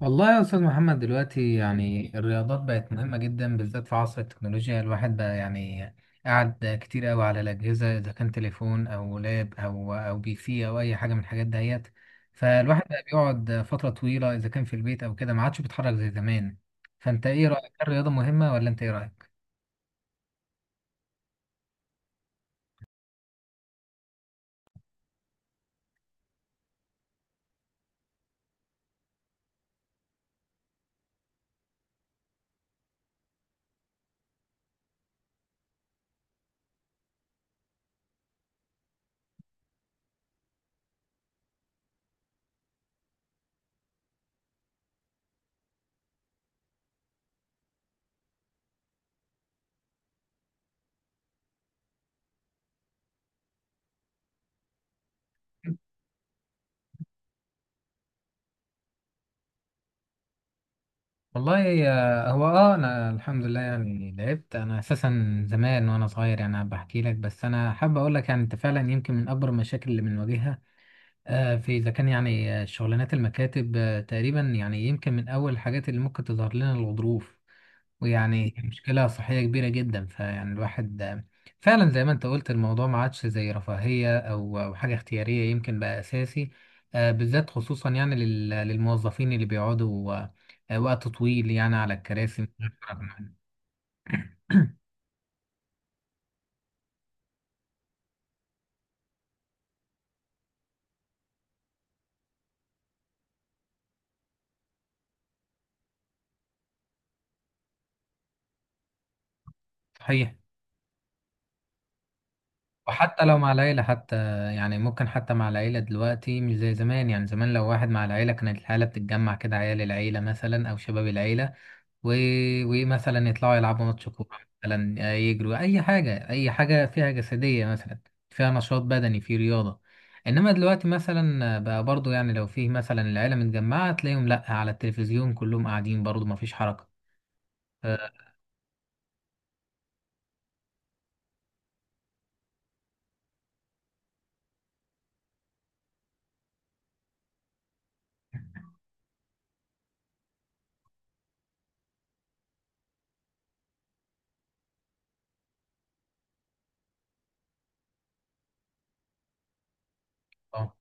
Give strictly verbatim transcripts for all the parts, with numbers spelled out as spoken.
والله يا أستاذ محمد، دلوقتي يعني الرياضات بقت مهمة جدا، بالذات في عصر التكنولوجيا. الواحد بقى يعني قاعد كتير أوي على الأجهزة، إذا كان تليفون أو لاب أو أو بي سي أو أي حاجة من الحاجات دهيت. فالواحد بقى بيقعد فترة طويلة، إذا كان في البيت أو كده، ما عادش بيتحرك زي زمان. فأنت إيه رأيك، هل الرياضة مهمة، ولا أنت إيه رأيك؟ والله آه، هو اه انا الحمد لله. يعني لعبت انا اساسا زمان وانا صغير، يعني بحكي لك. بس انا حابب اقول لك يعني انت فعلا يمكن من اكبر المشاكل اللي بنواجهها آه، في، إذا كان يعني آه، شغلانات المكاتب، آه، تقريبا يعني يمكن من أول الحاجات اللي ممكن تظهر لنا الغضروف. ويعني مشكلة صحية كبيرة جدا. فيعني الواحد آه، فعلا زي ما أنت قلت الموضوع ما عادش زي رفاهية أو أو حاجة اختيارية، يمكن بقى أساسي، آه، بالذات خصوصا يعني لل- للموظفين اللي بيقعدوا آه، وقت طويل يعني على الكراسي. صحيح. وحتى لو مع العيلة حتى، يعني ممكن حتى مع العيلة دلوقتي مش زي زمان. يعني زمان لو واحد مع العيلة كانت العيلة بتتجمع كده، عيال العيلة مثلا أو شباب العيلة و... ومثلا يطلعوا يلعبوا ماتش كورة، مثلا يجروا أي حاجة، أي حاجة فيها جسدية مثلا، فيها نشاط بدني، في رياضة. إنما دلوقتي مثلا بقى برضو، يعني لو فيه مثلا العيلة متجمعة، تلاقيهم لأ على التلفزيون كلهم قاعدين، برضو مفيش حركة. آه، آه،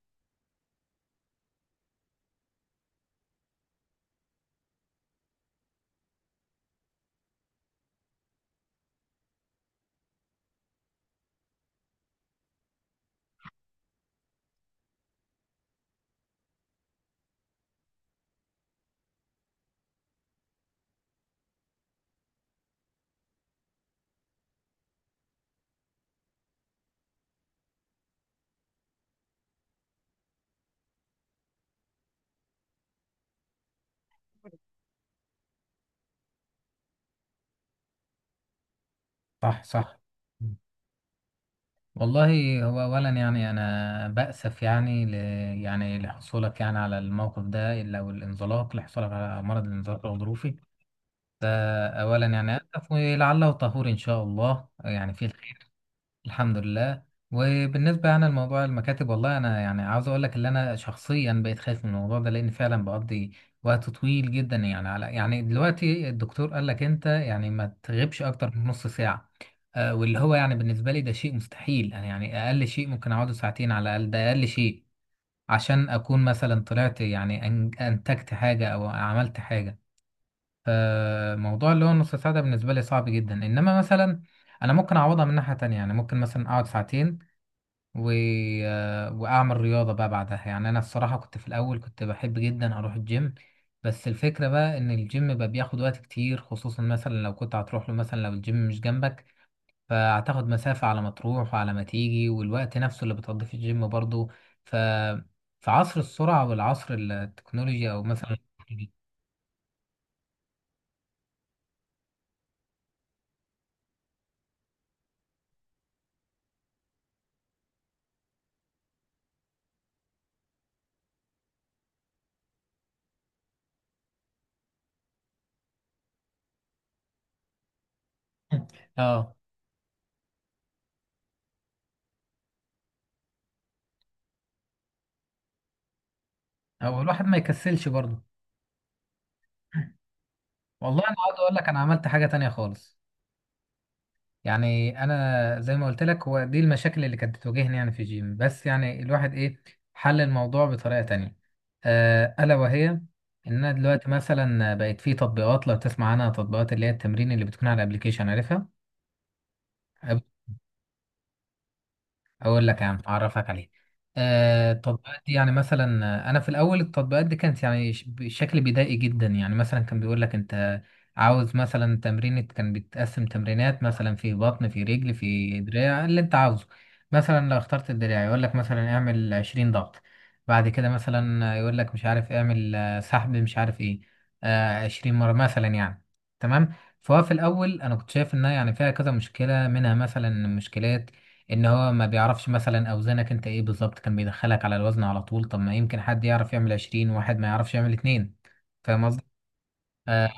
صح، صح. والله، هو اولا يعني انا بأسف يعني ل... يعني لحصولك، يعني على الموقف ده، الا والانزلاق، لحصولك على مرض الانزلاق الغضروفي ده. اولا يعني اسف، ولعله طهور ان شاء الله، يعني في الخير. الحمد لله. وبالنسبة يعني لموضوع المكاتب، والله أنا يعني عاوز أقول لك إن أنا شخصيا بقيت خايف من الموضوع ده، لأن فعلا بقضي وقت طويل جدا يعني على، يعني دلوقتي الدكتور قال لك أنت يعني ما تغيبش أكتر من نص ساعة. آه واللي هو يعني بالنسبة لي ده شيء مستحيل. أنا يعني أقل شيء ممكن أقعده ساعتين على الأقل، ده أقل شيء، عشان أكون مثلا طلعت يعني أن- أنتجت حاجة أو عملت حاجة. فموضوع اللي هو نص ساعة ده بالنسبة لي صعب جدا. إنما مثلا أنا ممكن أعوضها من ناحية تانية، يعني ممكن مثلا أقعد ساعتين و... آه، واعمل رياضه بقى بعدها. يعني انا الصراحه كنت في الاول كنت بحب جدا اروح الجيم، بس الفكره بقى ان الجيم بقى بياخد وقت كتير، خصوصا مثلا لو كنت هتروح له، مثلا لو الجيم مش جنبك فهتاخد مسافه على ما تروح وعلى ما تيجي، والوقت نفسه اللي بتقضيه في الجيم برضه. ف في عصر السرعه والعصر التكنولوجيا او مثلا اه او الواحد ما يكسلش برضه. والله انا عاوز اقول لك انا عملت حاجه تانية خالص. يعني انا زي ما قلت لك، هو دي المشاكل اللي كانت بتواجهني يعني في الجيم، بس يعني الواحد ايه، حل الموضوع بطريقة تانية، آه، الا وهي ان انا دلوقتي مثلا بقت في تطبيقات، لو تسمع عنها، تطبيقات اللي هي التمرين اللي بتكون على الابليكيشن عارفها. اقول لك يا عم اعرفك عليه. آه، التطبيقات دي يعني مثلا آه، انا في الاول التطبيقات دي كانت يعني ش- بشكل بدائي جدا. يعني مثلا كان بيقول لك انت عاوز مثلا تمرين، كان بتقسم تمرينات مثلا في بطن، في رجل، في دراع، اللي انت عاوزه. مثلا لو اخترت الدراع يقول لك مثلا اعمل عشرين ضغط، بعد كده مثلا يقول لك مش عارف اعمل آه، سحب مش عارف ايه، آه، عشرين مرة مثلا يعني. تمام. فهو في الاول انا كنت شايف انها يعني فيها كذا مشكله، منها مثلا مشكله ان هو ما بيعرفش مثلا اوزانك انت ايه بالظبط، كان بيدخلك على الوزن على طول. طب ما يمكن حد يعرف يعمل عشرين واحد ما يعرفش يعمل اتنين، فاهم قصدي؟ آه،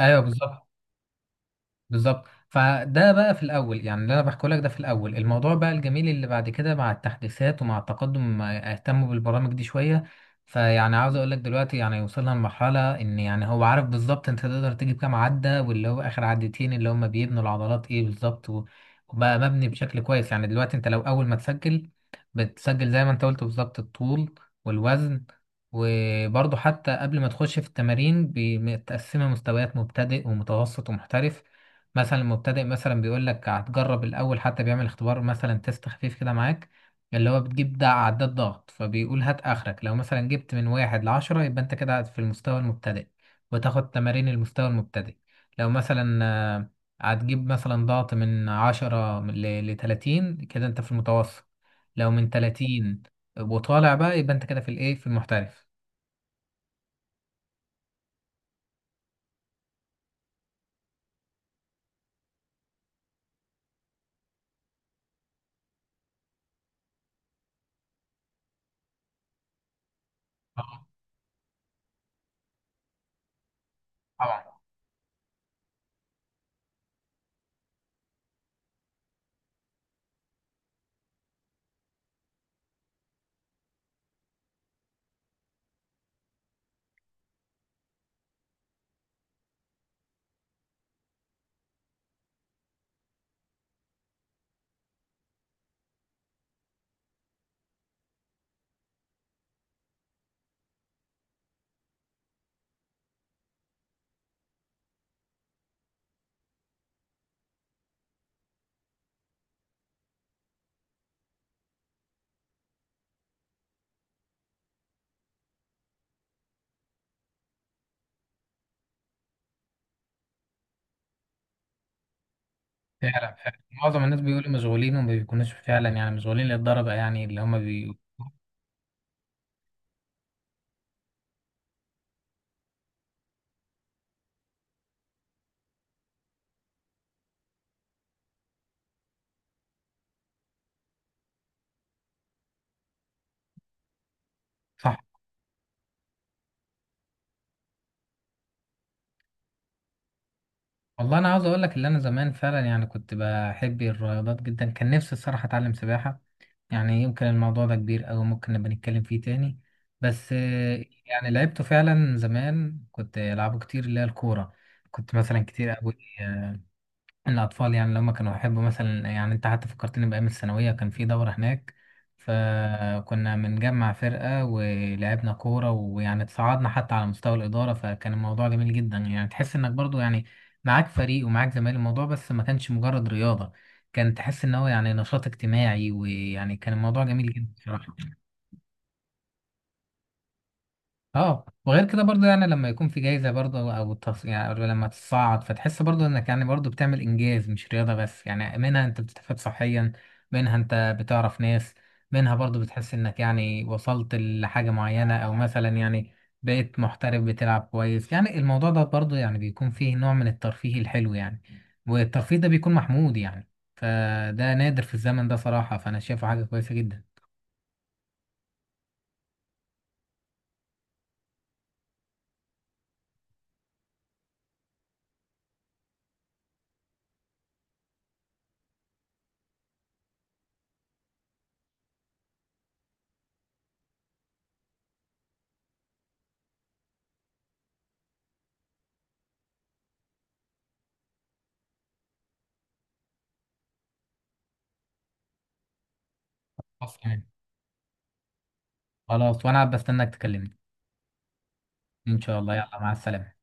ايوه، بالظبط بالظبط. فده بقى في الاول يعني اللي انا بحكي لك ده في الاول. الموضوع بقى الجميل اللي بعد كده، مع التحديثات ومع التقدم، ما اهتموا بالبرامج دي شويه. فيعني عاوز اقول لك دلوقتي يعني وصلنا لمرحله ان يعني هو عارف بالظبط انت تقدر تجيب كام عده، واللي هو اخر عدتين اللي هم بيبنوا العضلات ايه بالظبط، و- وبقى مبني بشكل كويس. يعني دلوقتي انت لو اول ما تسجل بتسجل زي ما انت قلت بالظبط الطول والوزن. وبرضه حتى قبل ما تخش في التمارين، بي- متقسمه مستويات مبتدئ ومتوسط ومحترف. مثلا المبتدئ مثلا بيقول لك هتجرب الاول، حتى بيعمل اختبار مثلا تيست خفيف كده معاك، اللي هو بتجيب ده عداد ضغط، فبيقول هات اخرك. لو مثلا جبت من واحد لعشرة يبقى انت كده في المستوى المبتدئ، وتاخد تمارين المستوى المبتدئ. لو مثلا آه، هتجيب مثلا ضغط من عشرة ل- لتلاتين كده انت في المتوسط. لو من تلاتين وطالع بقى يبقى انت كده في الايه، في المحترف. آه، طبعا. فعلا، فعلا معظم الناس بيقولوا مشغولين، وما بيكونوش فعلا يعني مشغولين للدرجة يعني اللي هم. صح. والله انا عاوز اقول لك اللي انا زمان فعلا يعني كنت بحب الرياضات جدا. كان نفسي الصراحه اتعلم سباحه، يعني يمكن الموضوع ده كبير أوي ممكن نبقى نتكلم فيه تاني. بس آه، يعني لعبته فعلا زمان كنت العبه كتير، اللي هي الكوره. كنت مثلا كتير قوي الأطفال يعني لما كانوا يحبوا مثلا، يعني أنت حتى فكرتني بأيام الثانوية. كان في دورة هناك، فكنا بنجمع فرقة ولعبنا كورة، ويعني اتصعدنا حتى على مستوى الإدارة، فكان الموضوع جميل جدا. يعني تحس إنك برضو يعني معاك فريق ومعاك زمايل، الموضوع بس ما كانش مجرد رياضة، كان تحس إن هو يعني نشاط اجتماعي، ويعني كان الموضوع جميل جدا بصراحة. اه، وغير كده برضو، يعني لما يكون في جايزة برضو او تص... يعني أو لما تصعد فتحس برضو انك يعني برضو بتعمل انجاز، مش رياضة بس. يعني منها انت بتستفاد صحيا، منها انت بتعرف ناس، منها برضو بتحس انك يعني وصلت لحاجة معينة، او مثلا يعني بقيت محترف بتلعب كويس. يعني الموضوع ده برضو يعني بيكون فيه نوع من الترفيه الحلو يعني، والترفيه ده بيكون محمود يعني. فده نادر في الزمن ده صراحة، فانا شايفه حاجة كويسة جدا. حصل. خلاص وانا بستناك تكلمني. ان شاء الله، يلا مع السلامة.